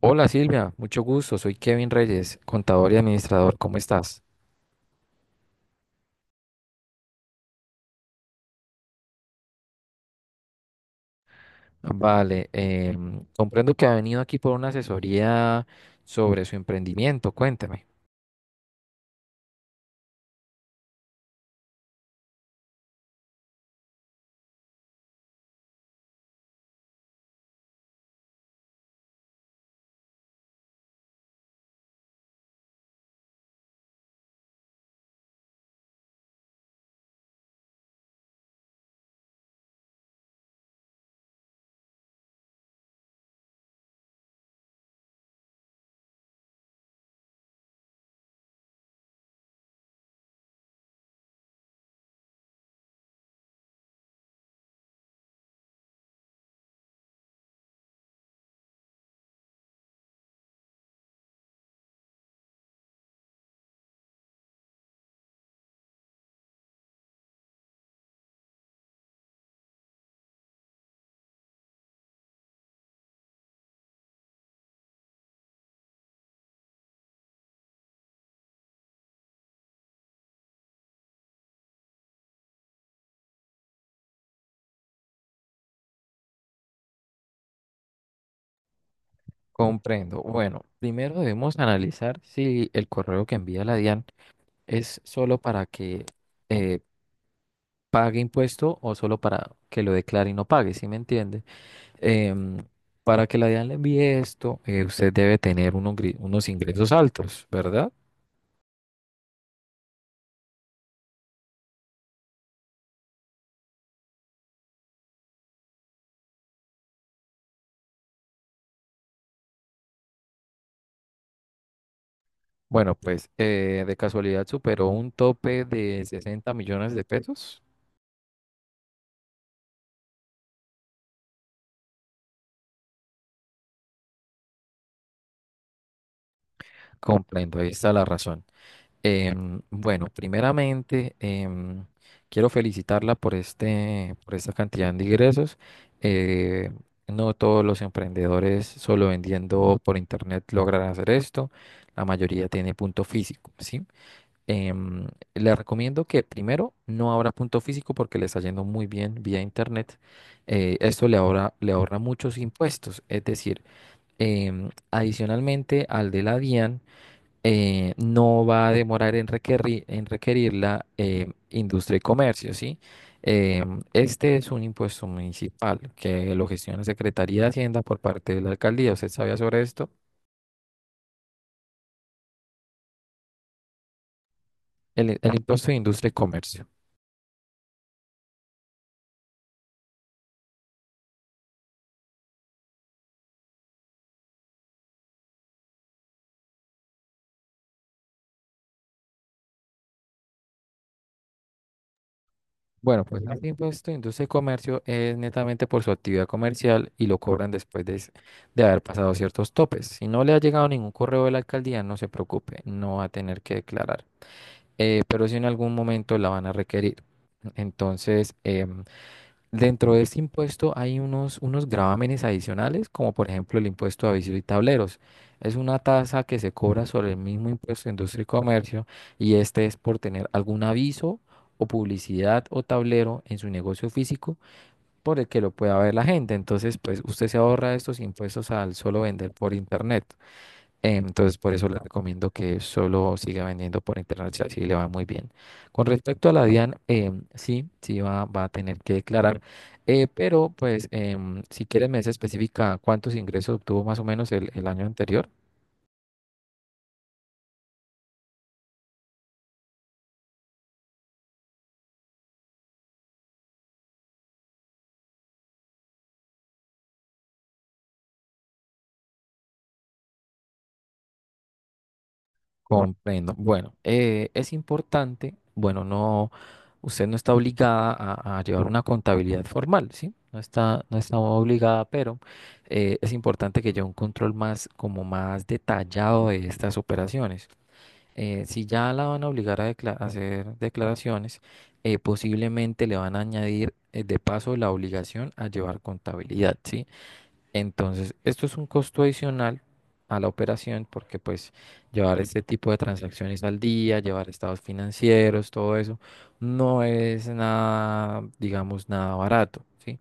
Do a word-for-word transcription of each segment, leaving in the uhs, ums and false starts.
Hola, Silvia, mucho gusto. Soy Kevin Reyes, contador y administrador. ¿Cómo estás? Vale, em, comprendo que ha venido aquí por una asesoría sobre su emprendimiento. Cuénteme. Comprendo. Bueno, primero debemos analizar si el correo que envía la D I A N es solo para que eh, pague impuesto o solo para que lo declare y no pague, ¿sí me entiende? Em, para que la D I A N le envíe esto, eh, usted debe tener unos gri- unos ingresos altos, ¿verdad? Bueno, pues eh, de casualidad superó un tope de sesenta millones de pesos. Comprendo, ahí está la razón. Em, bueno, primeramente em, quiero felicitarla por este, por esta cantidad de ingresos. Eh, no todos los emprendedores solo vendiendo por internet logran hacer esto. La mayoría tiene punto físico, ¿sí? Em, Les recomiendo que primero no abra punto físico porque le está yendo muy bien vía internet. Eh, esto le ahorra, le ahorra muchos impuestos. Es decir, em, adicionalmente al de la D I A N, eh, no va a demorar en requerir, en requerir la em, industria y comercio, ¿sí? Em, este es un impuesto municipal que lo gestiona la Secretaría de Hacienda por parte de la alcaldía. ¿Usted sabía sobre esto? El, el impuesto de industria y comercio. Bueno, pues más impuesto pues, industria y comercio es netamente por su actividad comercial y lo cobran después de, s- de haber pasado ciertos topes. Si no le ha llegado ningún correo de la alcaldía, no se preocupe, no va a tener que declarar. Eh, pero si en algún momento la van a requerir. Entonces, em, dentro de este impuesto hay unos, unos gravámenes adicionales, como por ejemplo el impuesto a avisos y tableros. Es una tasa que se cobra sobre el mismo impuesto de industria y comercio, y este es por tener algún aviso o publicidad o tablero en su negocio físico por el que lo pueda ver la gente. Entonces, pues usted se ahorra estos impuestos al solo vender por internet. Eh, Entonces, por eso le recomiendo que solo siga vendiendo por internet, si así le va muy bien. Con respecto a la D I A N, em, sí, sí va, va a tener que declarar, eh, pero pues em, si quieres me dice específica cuántos ingresos obtuvo más o menos el, el año anterior. Comprendo. Bueno, eh, es importante, bueno, no, usted no está obligada a, a llevar una contabilidad formal, ¿sí? No está, no está obligada, pero eh, es importante que lleve un control más, como más detallado de estas operaciones. Eh, si ya la van a obligar a decla- a hacer declaraciones, eh, posiblemente le van a añadir eh, de paso la obligación a llevar contabilidad, ¿sí? Entonces, esto es un costo adicional a la operación, porque pues llevar este tipo de transacciones al día, llevar estados financieros, todo eso, no es nada, digamos, nada barato, ¿sí?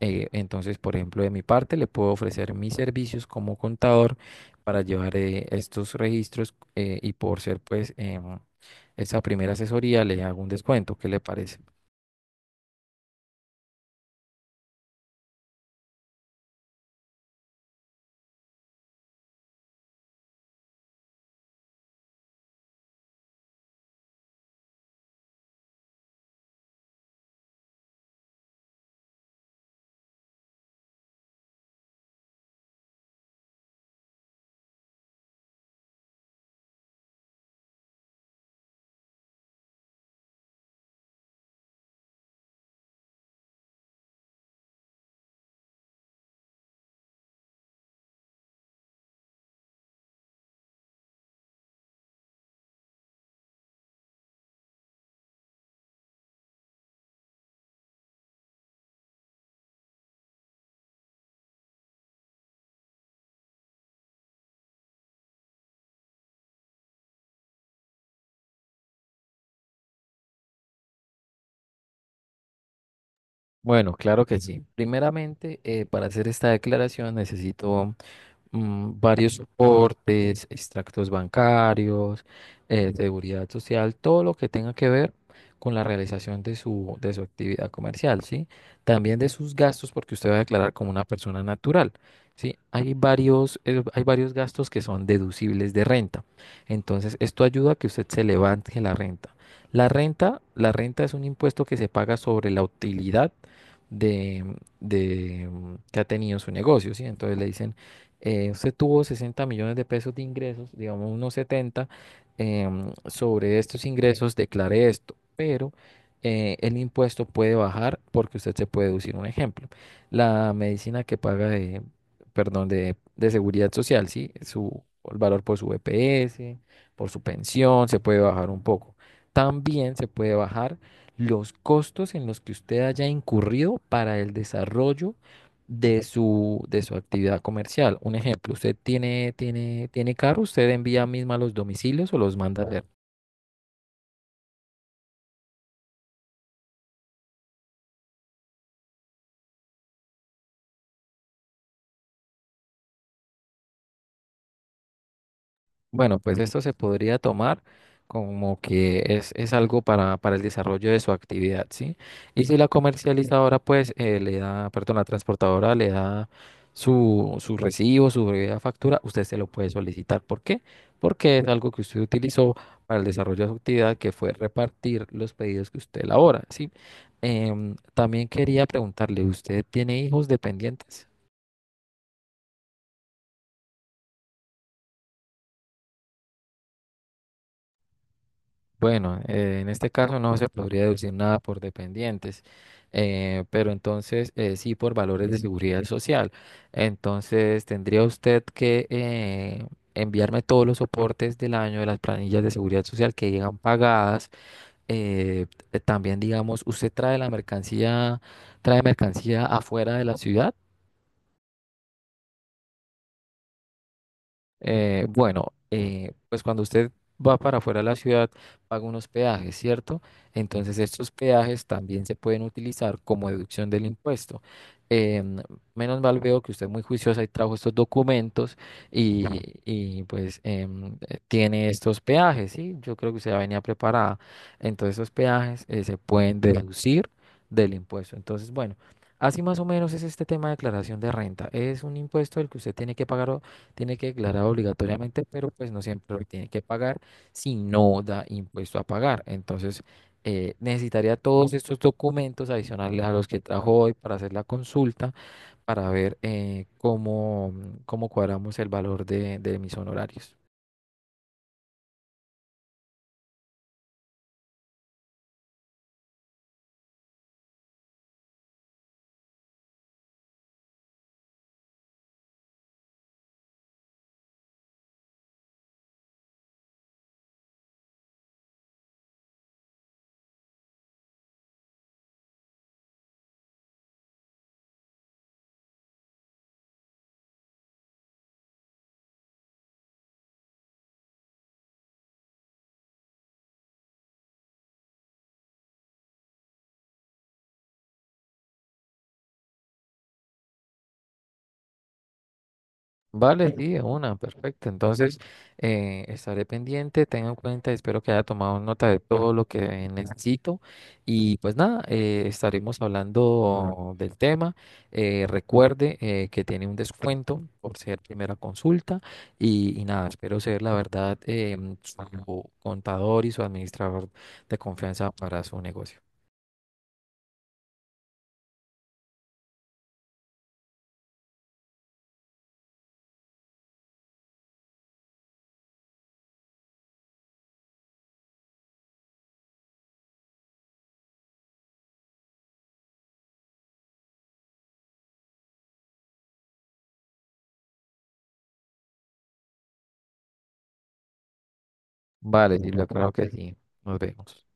Eh, entonces, por ejemplo, de mi parte, le puedo ofrecer mis servicios como contador para llevar eh, estos registros eh, y por ser pues em, esa primera asesoría le hago un descuento. ¿Qué le parece? Bueno, claro que sí. Primeramente, eh, para hacer esta declaración necesito mm, varios soportes, extractos bancarios, eh, seguridad social, todo lo que tenga que ver con la realización de su, de su actividad comercial, ¿sí? También de sus gastos, porque usted va a declarar como una persona natural, ¿sí? Hay varios, eh, hay varios gastos que son deducibles de renta. Entonces, esto ayuda a que usted se levante la renta. La renta, la renta es un impuesto que se paga sobre la utilidad de, de, mm, que ha tenido su negocio, ¿sí? Entonces le dicen eh, usted tuvo sesenta millones de pesos de ingresos, digamos unos setenta, em, sobre estos ingresos declare esto, pero eh, el impuesto puede bajar porque usted se puede deducir un ejemplo. La medicina que paga de, perdón, de, de seguridad social, ¿sí? Su, el valor por su E P S, por su pensión, se puede bajar un poco. También se puede bajar los costos en los que usted haya incurrido para el desarrollo de su, de su actividad comercial. Un ejemplo, usted tiene, tiene, tiene carro, usted envía misma los domicilios o los manda a hacer. Bueno, pues esto se podría tomar como que es, es algo para, para el desarrollo de su actividad, ¿sí? Y si la comercializadora, pues, eh, le da, perdón, la transportadora le da su, su recibo, su breve factura, usted se lo puede solicitar. ¿Por qué? Porque es algo que usted utilizó para el desarrollo de su actividad, que fue repartir los pedidos que usted elabora, ¿sí? Em, también quería preguntarle, ¿usted tiene hijos dependientes? Bueno, eh, en este caso no se podría deducir nada por dependientes, eh, pero entonces eh, sí por valores de seguridad social. Entonces tendría usted que eh, enviarme todos los soportes del año de las planillas de seguridad social que llegan pagadas. eh, también, digamos, usted trae la mercancía, trae mercancía afuera de la ciudad. Eh, bueno, eh, pues cuando usted va para afuera de la ciudad, paga unos peajes, ¿cierto? Entonces estos peajes también se pueden utilizar como deducción del impuesto. Em, menos mal veo que usted es muy juiciosa y trajo estos documentos y, y, pues em, eh, tiene estos peajes, ¿sí? Yo creo que usted ya venía preparada. Entonces esos peajes eh, se pueden deducir del impuesto. Entonces, bueno, así más o menos es este tema de declaración de renta. Es un impuesto el que usted tiene que pagar, tiene que declarar obligatoriamente, pero pues no siempre lo tiene que pagar si no da impuesto a pagar. Entonces, eh, necesitaría todos estos documentos adicionales a los que trajo hoy para hacer la consulta, para ver eh, cómo, cómo cuadramos el valor de de mis honorarios. Vale, sí, de una, perfecto. Entonces, eh, estaré pendiente, tengo en cuenta, espero que haya tomado nota de todo lo que necesito. Y pues nada, eh, estaremos hablando del tema. Eh, recuerde eh, que tiene un descuento por ser primera consulta. Y, y nada, espero ser la verdad, eh, su contador y su administrador de confianza para su negocio. Vale, Silvia, claro que sí. Nos vemos.